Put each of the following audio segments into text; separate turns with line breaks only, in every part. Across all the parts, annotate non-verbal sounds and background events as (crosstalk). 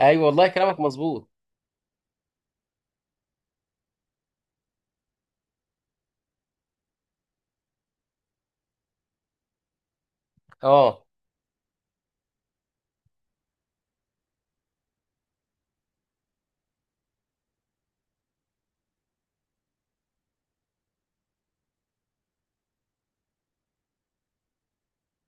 ايوه والله كلامك مظبوط. اه،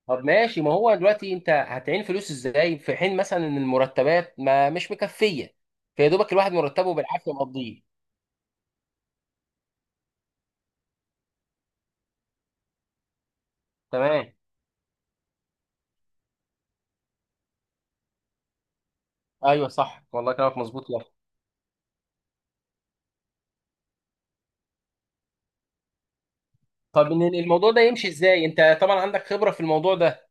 طب ماشي. ما هو دلوقتي انت هتعين فلوس ازاي في حين مثلا ان المرتبات ما مش مكفيه؟ فيا دوبك الواحد مرتبه بالعافيه مقضيه. تمام. ايوه صح والله كلامك مظبوط يا أخي. طب إن الموضوع ده يمشي ازاي؟ انت طبعا عندك خبره في الموضوع ده.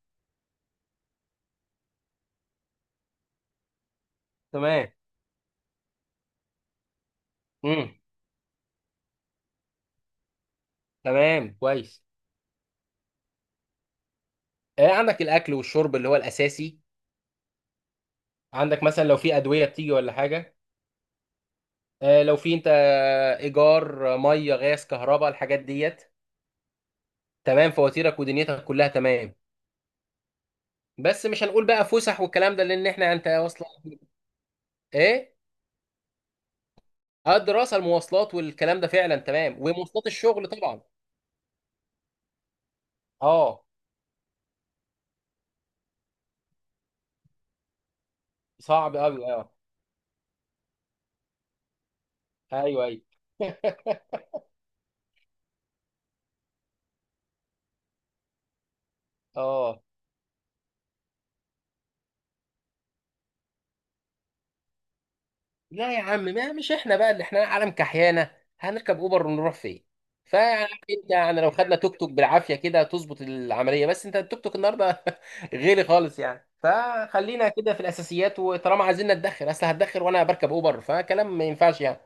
تمام. امم تمام كويس. آه عندك الاكل والشرب اللي هو الاساسي. عندك مثلا لو في ادويه بتيجي ولا حاجه. آه لو في انت ايجار، ميه غاز كهرباء الحاجات ديت. تمام فواتيرك ودنيتك كلها تمام. بس مش هنقول بقى فسح والكلام ده لان احنا انت اصلا. ايه؟ اه الدراسه المواصلات والكلام ده فعلا تمام، ومواصلات الشغل طبعا. اه صعب قوي اه. ايوه ايوه. (laughs) اه. لا يا عم، ما مش احنا بقى اللي احنا عالم كحيانه. هنركب اوبر ونروح فين؟ فعارف انت يعني. (laughs) لو خدنا توك توك بالعافيه كده تظبط العمليه، بس انت التوك توك النهارده (laughs) غالي خالص يعني. فخلينا كده في الاساسيات، وطالما عايزين نتدخل اصل هتدخل وانا بركب اوبر فكلام ما ينفعش يعني.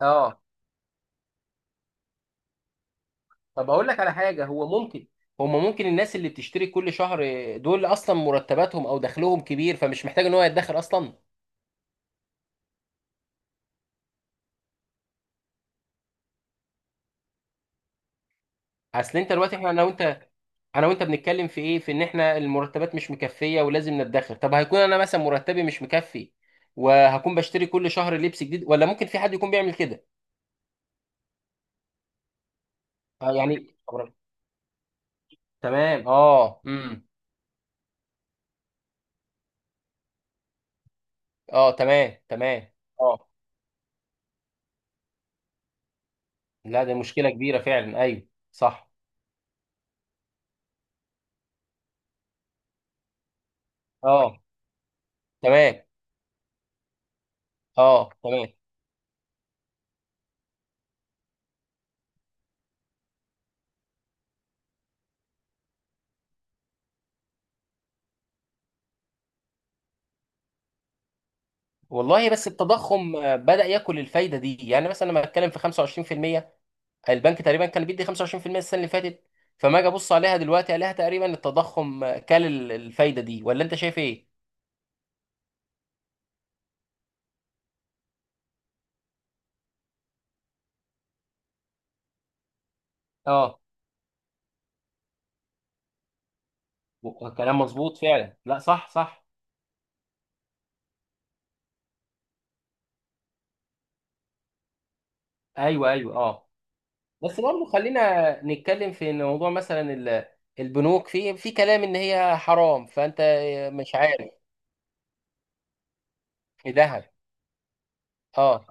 اه طب اقول لك على حاجه. هو ممكن، هما ممكن الناس اللي بتشتري كل شهر دول اصلا مرتباتهم او دخلهم كبير فمش محتاج ان هو يتدخر اصلا. اصل انت دلوقتي احنا انا وانت، انا وانت بنتكلم في ايه؟ في ان احنا المرتبات مش مكفيه ولازم نتدخر. طب هيكون انا مثلا مرتبي مش مكفي وهكون بشتري كل شهر لبس جديد؟ ولا ممكن في حد يكون بيعمل كده؟ اه يعني. تمام. اه. اه، تمام تمام اه لا ده مشكله كبيره فعلا. ايوه صح. اه تمام. اه تمام. والله بس التضخم، بدأ ياكل الفايدة دي. يعني مثلا لما اتكلم في 25%، البنك تقريبا كان بيدي 25% السنة اللي فاتت. فما اجي ابص عليها دلوقتي عليها تقريبا التضخم، كل الفايدة دي، ولا انت شايف ايه؟ اه كلام مظبوط فعلا. لا صح صح. ايوه ايوه اه. بس برضه خلينا نتكلم في إن موضوع مثلا البنوك، في كلام ان هي حرام، فانت مش عارف. في ذهب. اه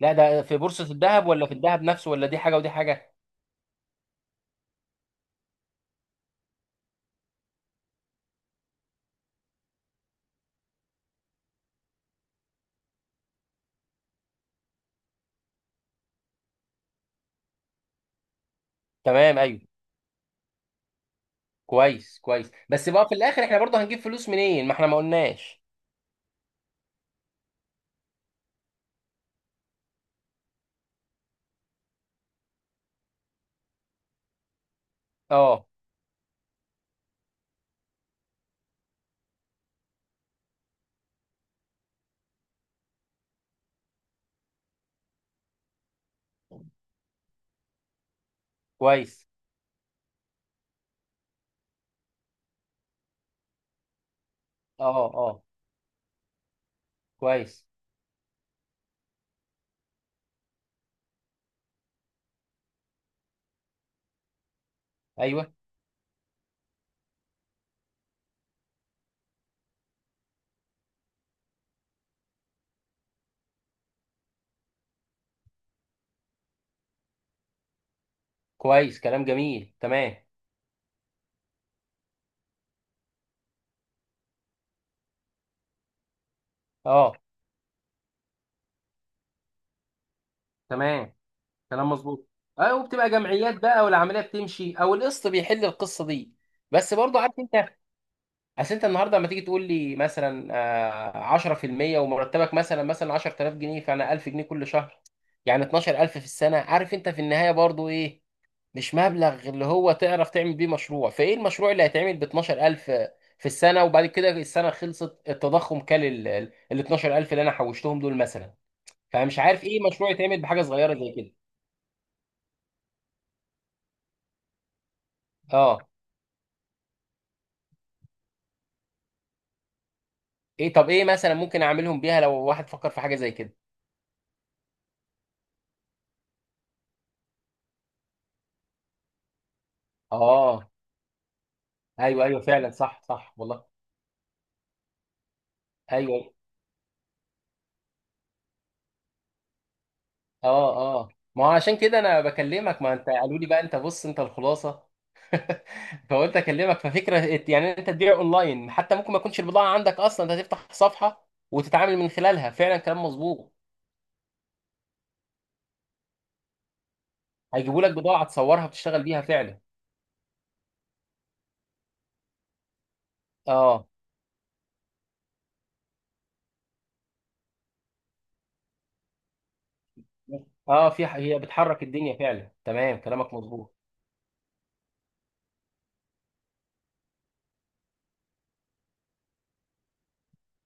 لا ده في بورصة الذهب ولا في الذهب نفسه؟ ولا دي حاجة ودي حاجة؟ تمام ايوه. كويس بس بقى في الاخر احنا برضه هنجيب فلوس منين؟ ما احنا ما قلناش. اه كويس. اه اه كويس. ايوه كويس كلام جميل تمام. اه تمام كلام مظبوط. اه، وبتبقى جمعيات بقى والعمليه بتمشي، او القسط بيحل القصه دي. بس برضه عارف انت. اصل انت النهارده لما تيجي تقول لي مثلا، 10% ومرتبك مثلا 10000 جنيه، فانا 1000 جنيه كل شهر. يعني 12000 في السنه. عارف انت في النهايه برضه ايه؟ مش مبلغ اللي هو تعرف تعمل بيه مشروع. فايه المشروع اللي هيتعمل ب 12000 في السنه؟ وبعد كده السنه خلصت، التضخم كل ال 12000 اللي انا حوشتهم دول مثلا. فمش عارف ايه مشروع يتعمل بحاجه صغيره زي كده. اه، ايه طب ايه مثلا ممكن اعملهم بيها لو واحد فكر في حاجه زي كده؟ اه ايوه ايوه فعلا صح صح والله. ايوه اه اه. ما هو عشان كده انا بكلمك. ما انت قالوا لي بقى انت بص انت الخلاصه. فقلت اكلمك. ففكره يعني انت تبيع اونلاين، حتى ممكن ما يكونش البضاعه عندك اصلا. انت تفتح صفحه وتتعامل من خلالها. فعلا كلام مظبوط. هيجيبوا لك بضاعه تصورها وتشتغل بيها فعلا. اه اه، في هي بتحرك الدنيا فعلا. تمام كلامك مظبوط.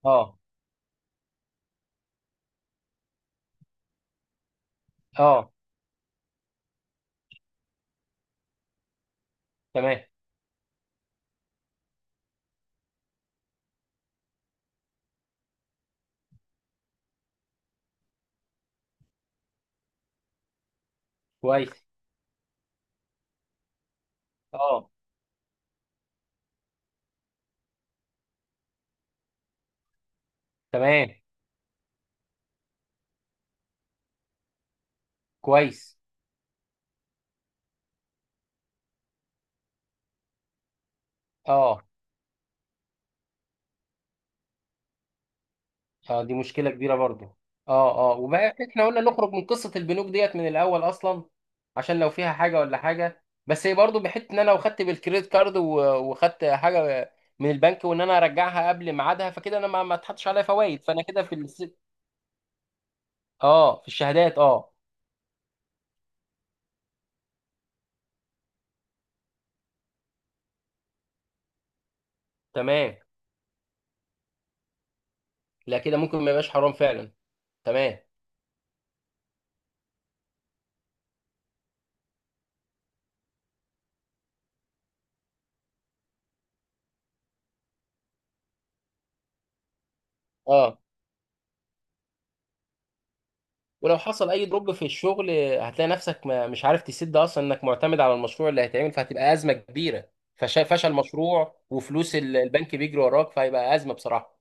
اه اه تمام كويس. اه تمام كويس. اه اه دي مشكلة كبيرة برضو. اه اه، وبقى احنا قلنا نخرج من قصة البنوك ديت من الأول أصلا. عشان لو فيها حاجة ولا حاجة، بس هي برضو بحته إن أنا لو خدت بالكريدت كارد وخدت حاجة من البنك، وإن أنا أرجعها قبل ميعادها، فكده أنا ما اتحطش عليا فوائد. فأنا كده في الس... اه في الشهادات اه. تمام. لا كده ممكن ما يبقاش حرام فعلا. تمام. اه، ولو حصل اي دروب في الشغل هتلاقي نفسك ما مش عارف تسد اصلا، انك معتمد على المشروع اللي هيتعمل، فهتبقى ازمه كبيره. فشل مشروع وفلوس البنك بيجري وراك، فهيبقى ازمه بصراحه.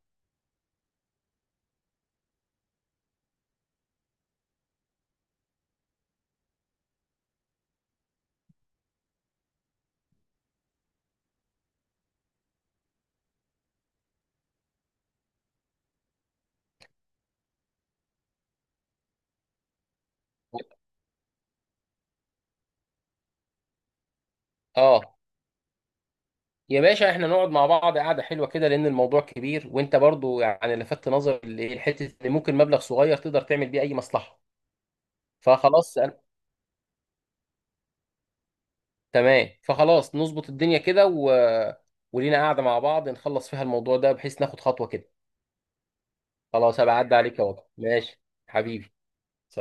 اه، يا باشا احنا نقعد مع بعض قعده حلوه كده لان الموضوع كبير، وانت برضو يعني لفت نظر الحته اللي ممكن مبلغ صغير تقدر تعمل بيه اي مصلحه. فخلاص أنا- تمام فخلاص نظبط الدنيا كده و... ولينا قاعده مع بعض نخلص فيها الموضوع ده، بحيث ناخد خطوه كده. خلاص هبقى عدى عليك يا وضع ماشي. حبيبي